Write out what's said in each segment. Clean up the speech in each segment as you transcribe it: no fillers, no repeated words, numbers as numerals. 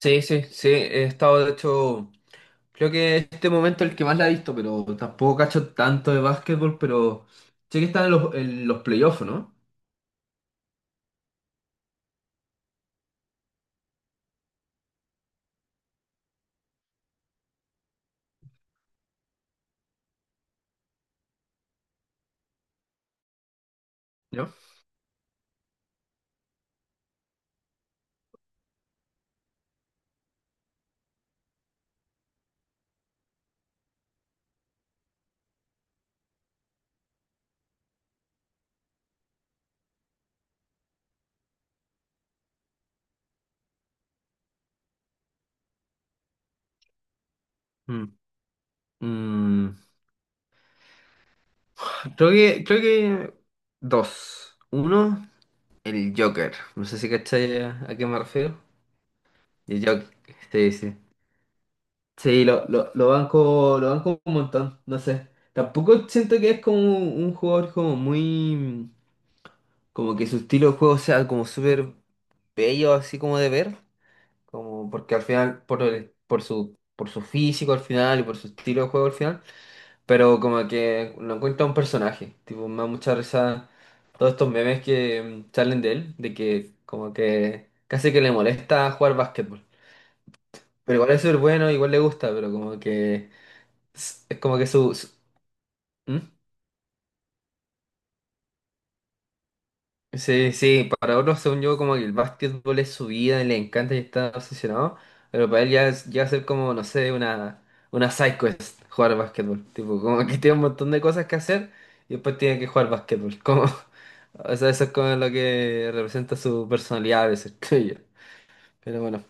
Sí, sí, sí, he estado, de hecho, creo que este momento es el que más la he visto, pero tampoco cacho tanto de básquetbol, pero sé que están en los playoffs, ¿no? ¿No? Mm. Mm, creo que dos. Uno, el Joker. No sé si cachai a qué me refiero. El Joker, sí, sí. Sí, lo banco, lo banco un montón, no sé. Tampoco siento que es como un jugador como muy. Como que su estilo de juego sea como súper bello así como de ver, como porque al final, por su físico al final y por su estilo de juego al final, pero como que no encuentra un personaje, tipo, me da mucha risa todos estos memes que salen de él, de que como que casi que le molesta jugar básquetbol, pero igual es súper bueno, igual le gusta, pero como que es como que su. ¿Mm? Sí, sí, para otros, según yo, como que el básquetbol es su vida y le encanta y está obsesionado, pero para él ya es, ya ser como, no sé, una side quest jugar básquetbol. Tipo, como que tiene un montón de cosas que hacer y después tiene que jugar básquetbol. Como, o sea, eso es como lo que representa su personalidad a veces, creo yo. Pero bueno.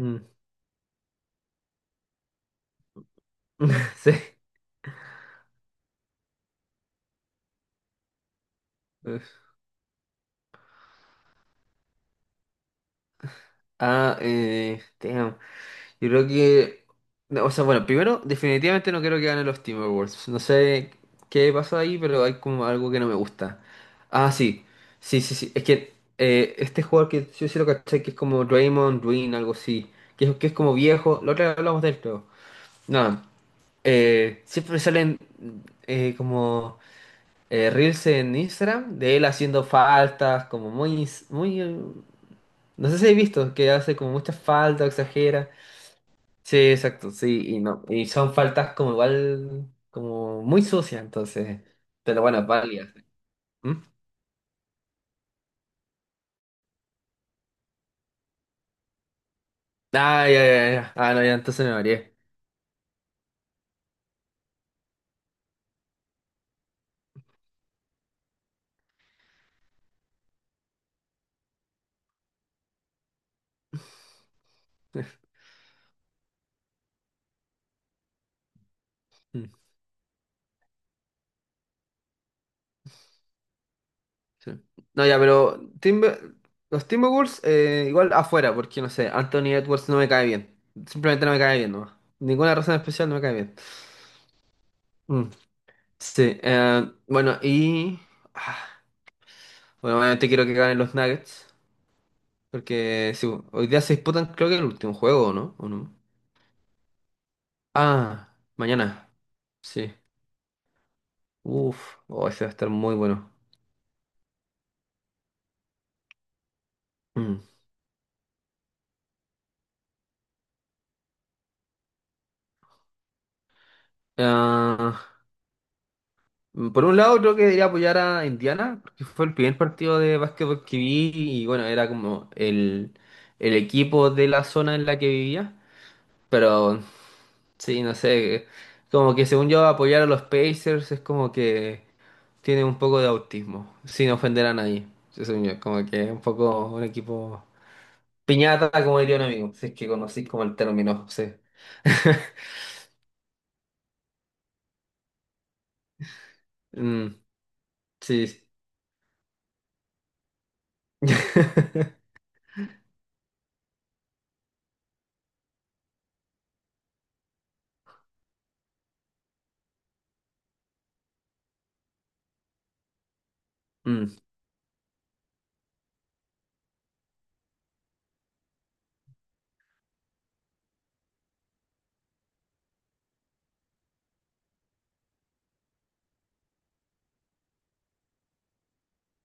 Mm. Sí. Uf. Ah, damn. Yo creo que, no, o sea, bueno, primero, definitivamente no quiero que ganen los Timberwolves. No sé qué pasó ahí, pero hay como algo que no me gusta. Ah, sí. Sí, sí, sí. Es que este jugador que yo sí lo caché, que es como Draymond Green, algo así. Que es como viejo. La otra vez hablamos de esto. Nada. Siempre salen como reels en Instagram de él haciendo faltas, como muy, muy, no sé si he visto, que hace como muchas faltas, exagera. Sí, exacto, sí, y no, y son faltas como igual, como muy sucias, entonces, pero bueno, válidas. ¿Mm? Ah, ya, ya, ya, ah, no, ya, entonces me mareé. Mm, sí. No, ya, pero los Timberwolves igual afuera, porque no sé, Anthony Edwards no me cae bien, simplemente no me cae bien, no, ninguna razón especial no me cae bien. Mm, sí, bueno, y, ah, bueno, obviamente quiero que ganen los Nuggets, porque sí, hoy día se disputan creo que el último juego, ¿no? ¿O no? Ah, mañana. Sí. Uf, oh, ese va a estar muy bueno. Mm. Ah, por un lado, creo que debería apoyar a Indiana, porque fue el primer partido de básquetbol que vi y bueno, era como el equipo de la zona en la que vivía. Pero sí, no sé, como que según yo apoyar a los Pacers es como que tiene un poco de autismo, sin ofender a nadie. Según yo, como que es un poco un equipo Piñata, como diría un amigo, si es que conocís como el término, sí. Mm, sí. Mm,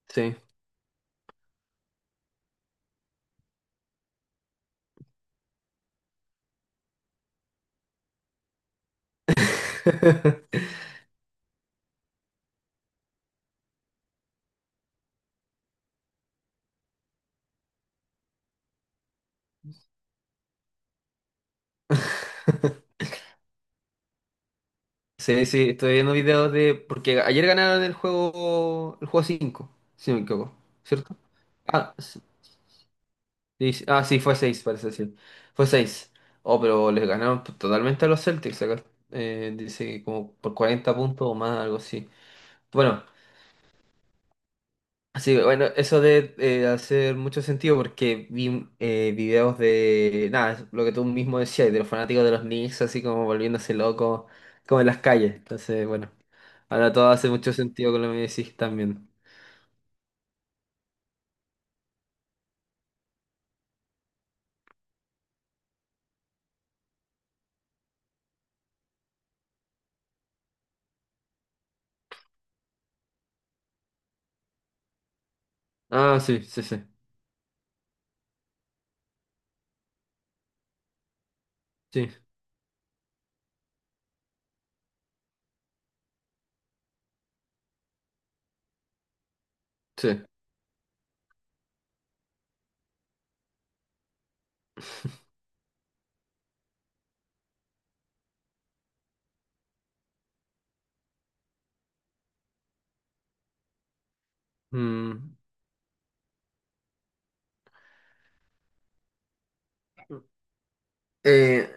sí. Sí, sí, estoy viendo videos de. Porque ayer ganaron el juego 5, si no me equivoco, ¿cierto? Ah, sí, sí, ah, sí, fue 6 parece decir. Fue 6, oh, pero les ganaron totalmente a los Celtics acá. Dice que como por 40 puntos o más, algo así. Bueno, sí, bueno, eso de hacer mucho sentido porque vi videos de, nada, es lo que tú mismo decías, de los fanáticos de los Knicks, así como volviéndose locos, como en las calles. Entonces, bueno, ahora todo hace mucho sentido con lo que me decís también. Ah, sí, sí, sí, sí, sí. Mm. Eh,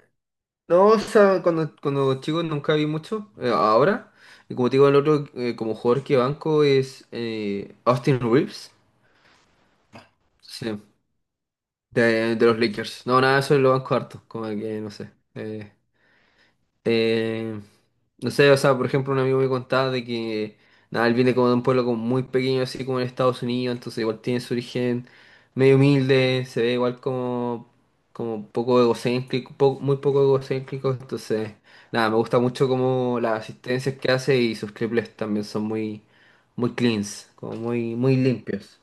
no, o sea, cuando chico nunca vi mucho, ahora, y como te digo, el otro como jugador que banco es Austin Reeves. Sí. De los Lakers. No, nada, eso lo banco harto. Como que, no sé. Eh, no sé, o sea, por ejemplo, un amigo me contaba de que, nada, él viene como de un pueblo como muy pequeño, así como en Estados Unidos, entonces igual tiene su origen medio humilde, se ve igual como, como poco egocéntrico, muy poco egocéntrico, entonces, nada, me gusta mucho como las asistencias que hace y sus triples también son muy, muy cleans, como muy, muy limpios.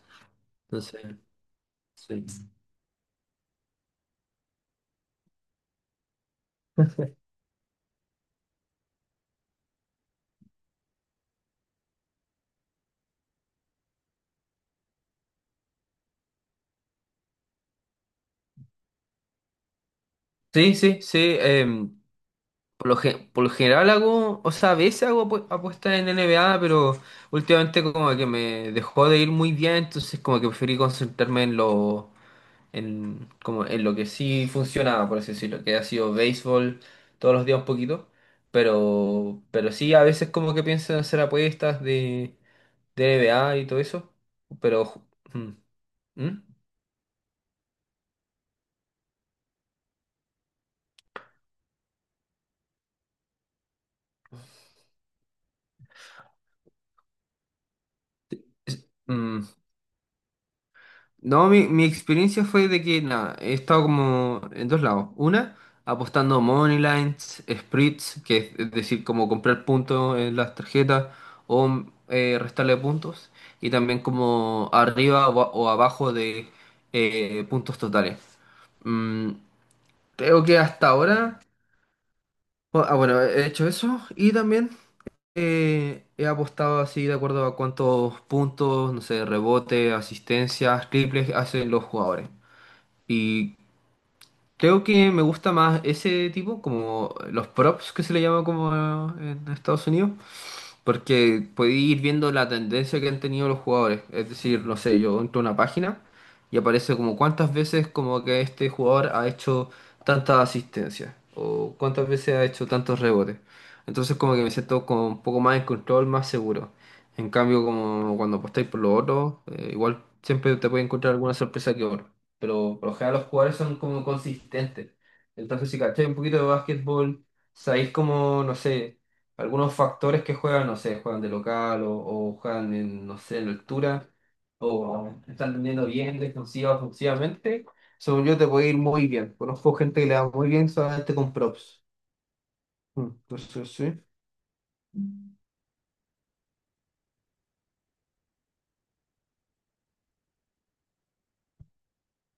Entonces, sí. Sí, sí, sí. Por lo general hago, o sea, a veces hago apuestas en NBA pero últimamente como que me dejó de ir muy bien, entonces como que preferí concentrarme en lo, como en lo que sí funcionaba, por así decirlo, que ha sido béisbol todos los días un poquito, pero, sí, a veces como que pienso en hacer apuestas de NBA y todo eso, pero. Mm, ¿Mm? Es- mm, No, mi experiencia fue de que nada, he estado como en dos lados. Una, apostando money lines, spreads, que es decir, como comprar puntos en las tarjetas o restarle puntos. Y también como arriba o, o abajo de puntos totales. Mm, Creo que hasta ahora, bueno, he hecho eso y también he apostado así de acuerdo a cuántos puntos, no sé, rebote, asistencias, triples hacen los jugadores. Y creo que me gusta más ese tipo, como los props que se le llama como en Estados Unidos, porque podéis ir viendo la tendencia que han tenido los jugadores. Es decir, no sé, yo entro a una página y aparece como cuántas veces como que este jugador ha hecho tantas asistencias o cuántas veces ha hecho tantos rebotes. Entonces como que me siento como un poco más en control, más seguro. En cambio, como cuando apostáis por los otros, igual siempre te puede encontrar alguna sorpresa que otra. Pero por lo general los jugadores son como consistentes. Entonces si cacháis un poquito de básquetbol, sabéis como, no sé algunos factores que juegan, no sé, juegan de local o, juegan en, no sé, en altura o están vendiendo bien defensiva, ofensivamente, según yo te puede ir muy bien. Conozco gente que le va muy bien solamente con props. Entonces, sí.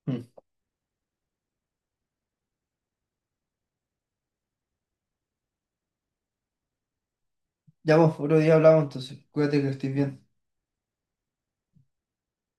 Mm. Ya vos, otro día hablamos entonces. Cuídate que estés bien.